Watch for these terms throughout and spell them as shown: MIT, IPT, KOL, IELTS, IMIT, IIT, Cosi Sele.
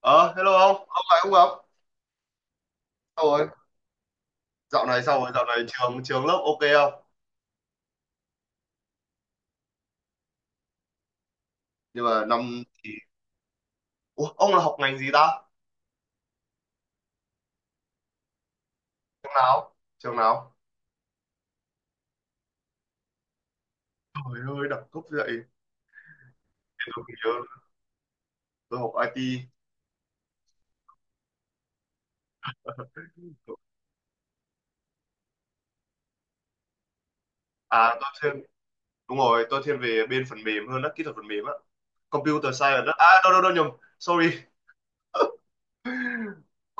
Ờ, hello ông lại không gặp? Sao rồi? Dạo này sao rồi? Dạo này trường trường lớp ok không? Nhưng mà năm thì Ủa, ông là học ngành gì ta? Trường nào? Trường nào? Trời ơi, đẳng cấp vậy. Để Tôi nhớ Tôi học IT. À, tôi thiên đúng rồi, tôi thiên về bên phần mềm hơn đó, kỹ thuật phần mềm á. Computer science đó. À, đâu đâu đâu nhầm. Sorry.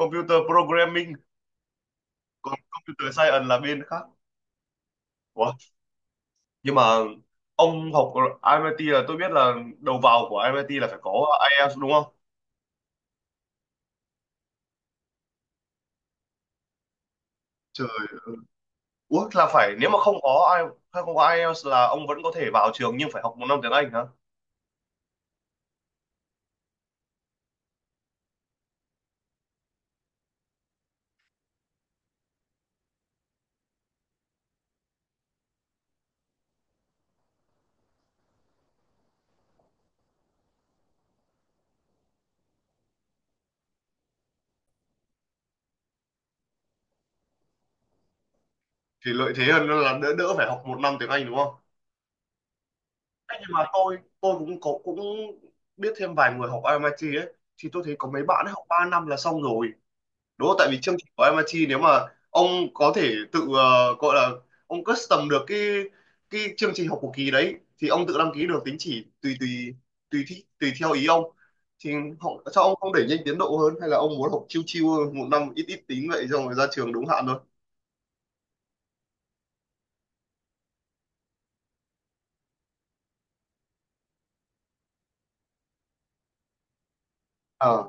Computer programming, còn computer science là bên khác. Ủa? Nhưng mà ông học MIT là tôi biết là đầu vào của MIT là phải có IELTS đúng không? Trời, ủa là phải nếu mà không có ai hay không có IELTS là ông vẫn có thể vào trường nhưng phải học một năm tiếng Anh hả? Thì lợi thế hơn là đỡ đỡ phải học một năm tiếng Anh đúng không? Thế nhưng mà tôi cũng biết thêm vài người học MIT ấy, thì tôi thấy có mấy bạn ấy học 3 năm là xong rồi đúng không? Tại vì chương trình của MIT nếu mà ông có thể tự gọi là ông custom được cái chương trình học của kỳ đấy, thì ông tự đăng ký được tín chỉ tùy tùy tùy thi, tùy theo ý ông. Thì họ Sao ông không đẩy nhanh tiến độ hơn hay là ông muốn học chiêu chiêu một năm ít ít tín vậy xong rồi ra trường đúng hạn thôi? À,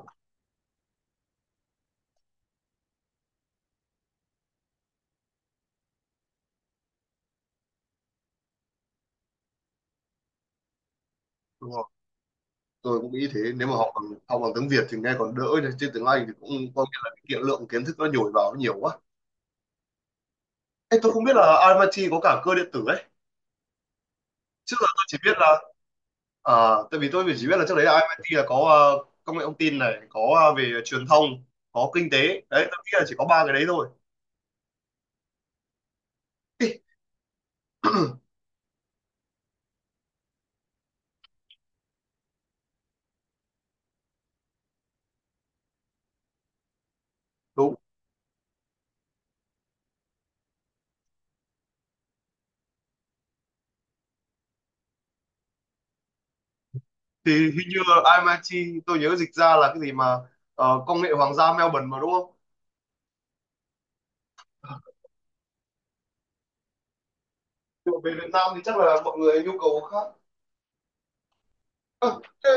đúng rồi, tôi cũng nghĩ thế. Nếu mà học bằng tiếng Việt thì nghe còn đỡ nhỉ, chứ tiếng Anh thì cũng có nghĩa là cái kiện lượng kiến thức nó nhồi vào nó nhiều quá. Ê, tôi không biết là MIT có cả cơ điện tử ấy. Trước giờ tôi chỉ biết là... Ờ, tại vì tôi chỉ biết là trước đấy là IIT là có công nghệ thông tin này, có về truyền thông, có kinh tế. Đấy, tôi nghĩ là chỉ có ba cái đấy thôi. Ê, đúng. Thì hình như là IIT tôi nhớ dịch ra là cái gì mà công nghệ hoàng gia Melbourne mà đúng không? Nhưng mà về Việt Nam thì chắc là mọi người nhu cầu khác. Ờ, thế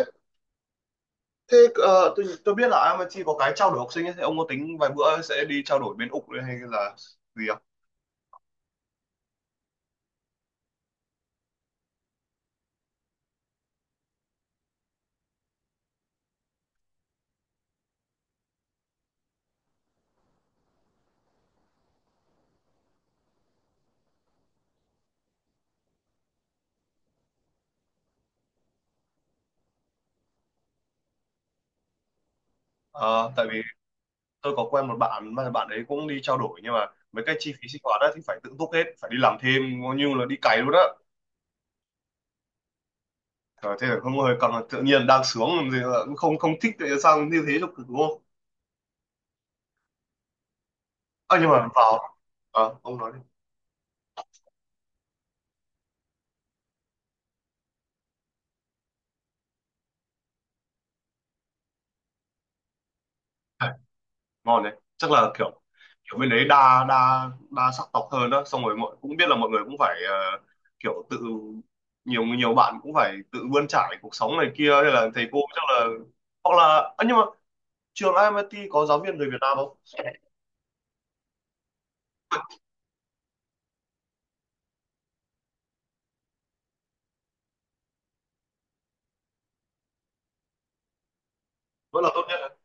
thế tôi biết là IIT có cái trao đổi học sinh ấy, thì ông có tính vài bữa sẽ đi trao đổi bên Úc hay là gì không? Ờ, Tại vì tôi có quen một bạn mà bạn ấy cũng đi trao đổi, nhưng mà mấy cái chi phí sinh hoạt á thì phải tự túc hết, phải đi làm thêm coi như là đi cày luôn á. Trời, thế là không, hơi cầm tự nhiên đang sướng làm gì mà cũng không không thích, tại sao như thế cho cực đúng không? À, nhưng mà vào À, ông nói đi. À, ngon đấy, chắc là kiểu kiểu bên đấy đa đa đa sắc tộc hơn đó, xong rồi mọi cũng biết là mọi người cũng phải kiểu tự nhiều nhiều bạn cũng phải tự bươn trải cuộc sống này kia, hay là thầy cô chắc là hoặc là... À, nhưng mà trường IMIT có giáo viên người Việt Nam không? Vẫn là tốt nhất.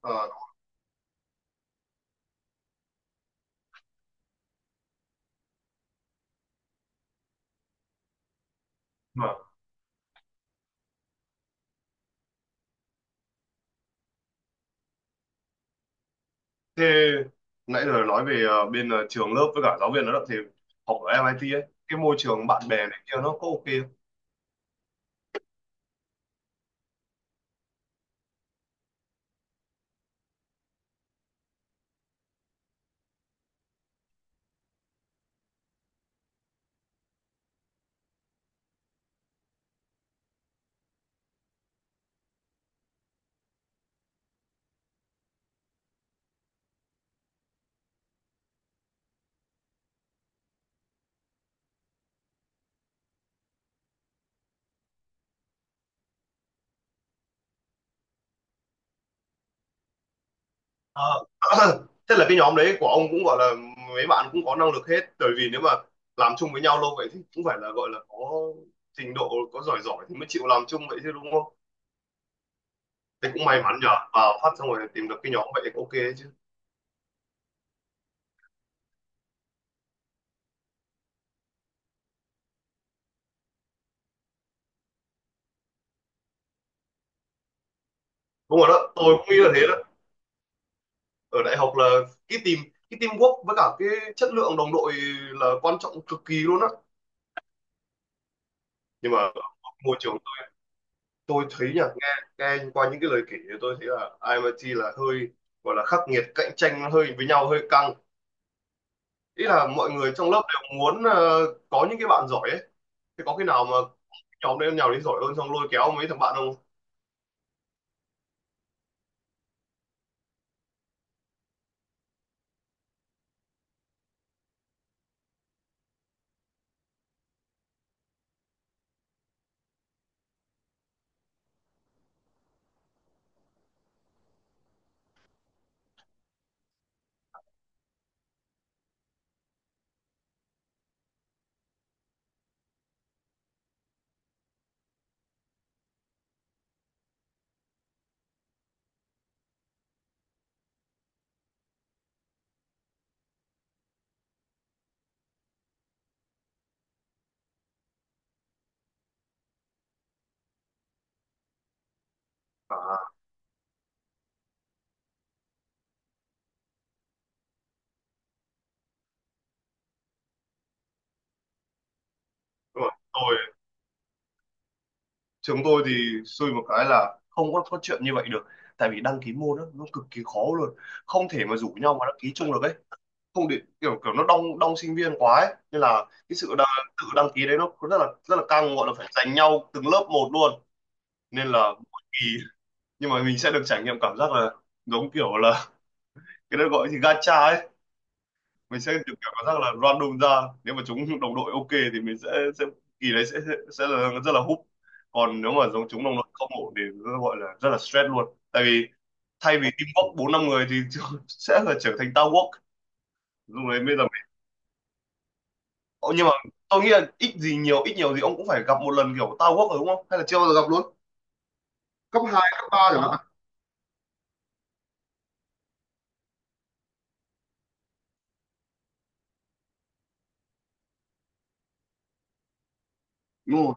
Ờ, mà thế nãy giờ nói về bên trường lớp với cả giáo viên nó đó, thì học ở MIT ấy, cái môi trường bạn bè này kia nó có ok không? Ờ, thế là cái nhóm đấy của ông cũng gọi là mấy bạn cũng có năng lực hết, bởi vì nếu mà làm chung với nhau lâu vậy thì cũng phải là gọi là có trình độ, có giỏi giỏi thì mới chịu làm chung vậy chứ đúng không? Thế cũng may mắn nhờ vào phát xong rồi tìm được cái nhóm vậy thì ok đấy chứ. Đúng rồi đó, tôi cũng nghĩ là thế đó. Ở đại học là cái tìm cái teamwork với cả cái chất lượng đồng đội là quan trọng cực kỳ luôn á. Nhưng mà môi trường tôi thấy nhỉ, nghe nghe qua những cái lời kể thì tôi thấy là ai IMIT là hơi gọi là khắc nghiệt, cạnh tranh nó hơi với nhau hơi căng, ý là mọi người trong lớp đều muốn có những cái bạn giỏi ấy. Thế có khi nào mà nhóm đấy nhào đến giỏi hơn xong lôi kéo mấy thằng bạn không? À, đúng rồi. Trường tôi thì xui một cái là không có chuyện như vậy được, tại vì đăng ký môn đó, nó cực kỳ khó luôn, không thể mà rủ nhau mà đăng ký chung được ấy, không để kiểu kiểu nó đông đông sinh viên quá ấy. Nên là cái sự tự đăng ký đấy nó rất là căng, gọi là phải giành nhau từng lớp một luôn. Nên là mỗi kỳ, nhưng mà mình sẽ được trải nghiệm cảm giác là giống kiểu là cái đó gọi gì gacha ấy, mình sẽ được kiểu cảm giác là random ra. Nếu mà chúng đồng đội ok thì mình sẽ kỳ đấy sẽ là rất là húp, còn nếu mà giống chúng đồng đội không ổn thì nó gọi là rất là stress luôn, tại vì thay vì teamwork bốn năm người thì sẽ là trở thành towerwork lúc đấy bây giờ. Ồ, nhưng mà tôi nghĩ là ít gì nhiều, ít nhiều gì ông cũng phải gặp một lần kiểu tao quốc rồi đúng không? Hay là chưa bao giờ gặp luôn? Cấp 2 cấp ba chẳng hạn. Đúng rồi.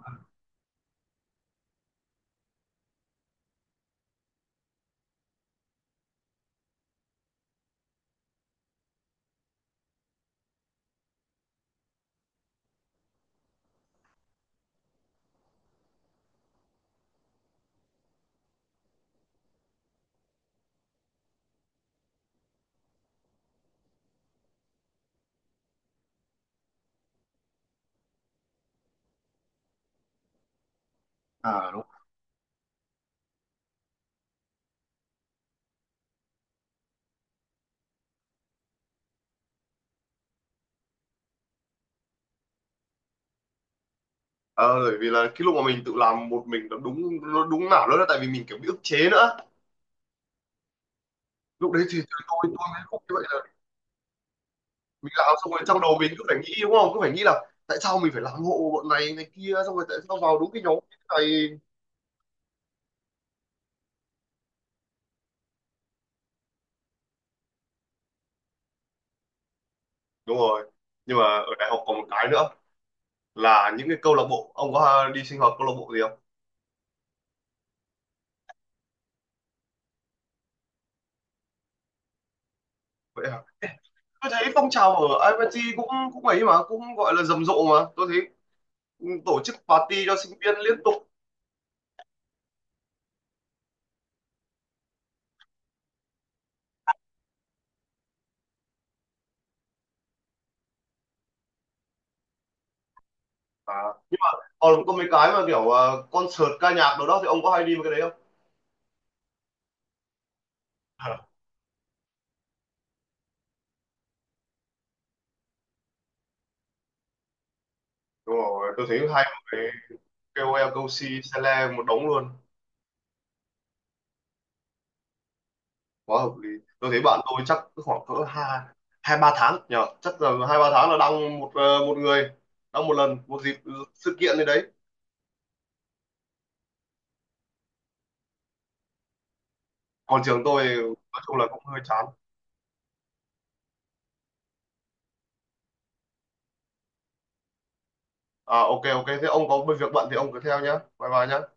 À, đúng. Ờ, bởi vì là cái lúc mà mình tự làm một mình nó đúng, nó đúng nào đó là tại vì mình kiểu bị ức chế nữa. Lúc đấy thì tôi mới không như vậy là mình làm xong rồi trong đầu mình cứ phải nghĩ đúng không? Cứ phải nghĩ là tại sao mình phải làm hộ bọn này này kia, xong rồi tại sao vào đúng cái nhóm này. Đúng rồi. Nhưng mà ở đại học còn một cái nữa là những cái câu lạc bộ, ông có đi sinh hoạt câu lạc bộ gì không? Vậy tôi thấy phong trào ở IPT cũng cũng ấy mà, cũng gọi là rầm rộ, mà tôi thấy tổ chức party cho sinh viên liên tục. À, nhưng mà còn có mấy cái mà kiểu à, concert ca nhạc đâu đó thì ông có hay đi mấy cái đấy không? À. Đúng rồi, tôi thấy hay một cái KOL Cosi Sele một đống luôn, quá hợp lý. Tôi thấy bạn tôi chắc khoảng cỡ hai hai ba tháng nhờ, chắc là hai ba tháng là đăng một một người đăng một lần, một dịp sự kiện gì đấy. Còn trường tôi nói chung là cũng hơi chán. À, ok ok, thế ông có việc bận thì ông cứ theo nhá, bye bye nhá.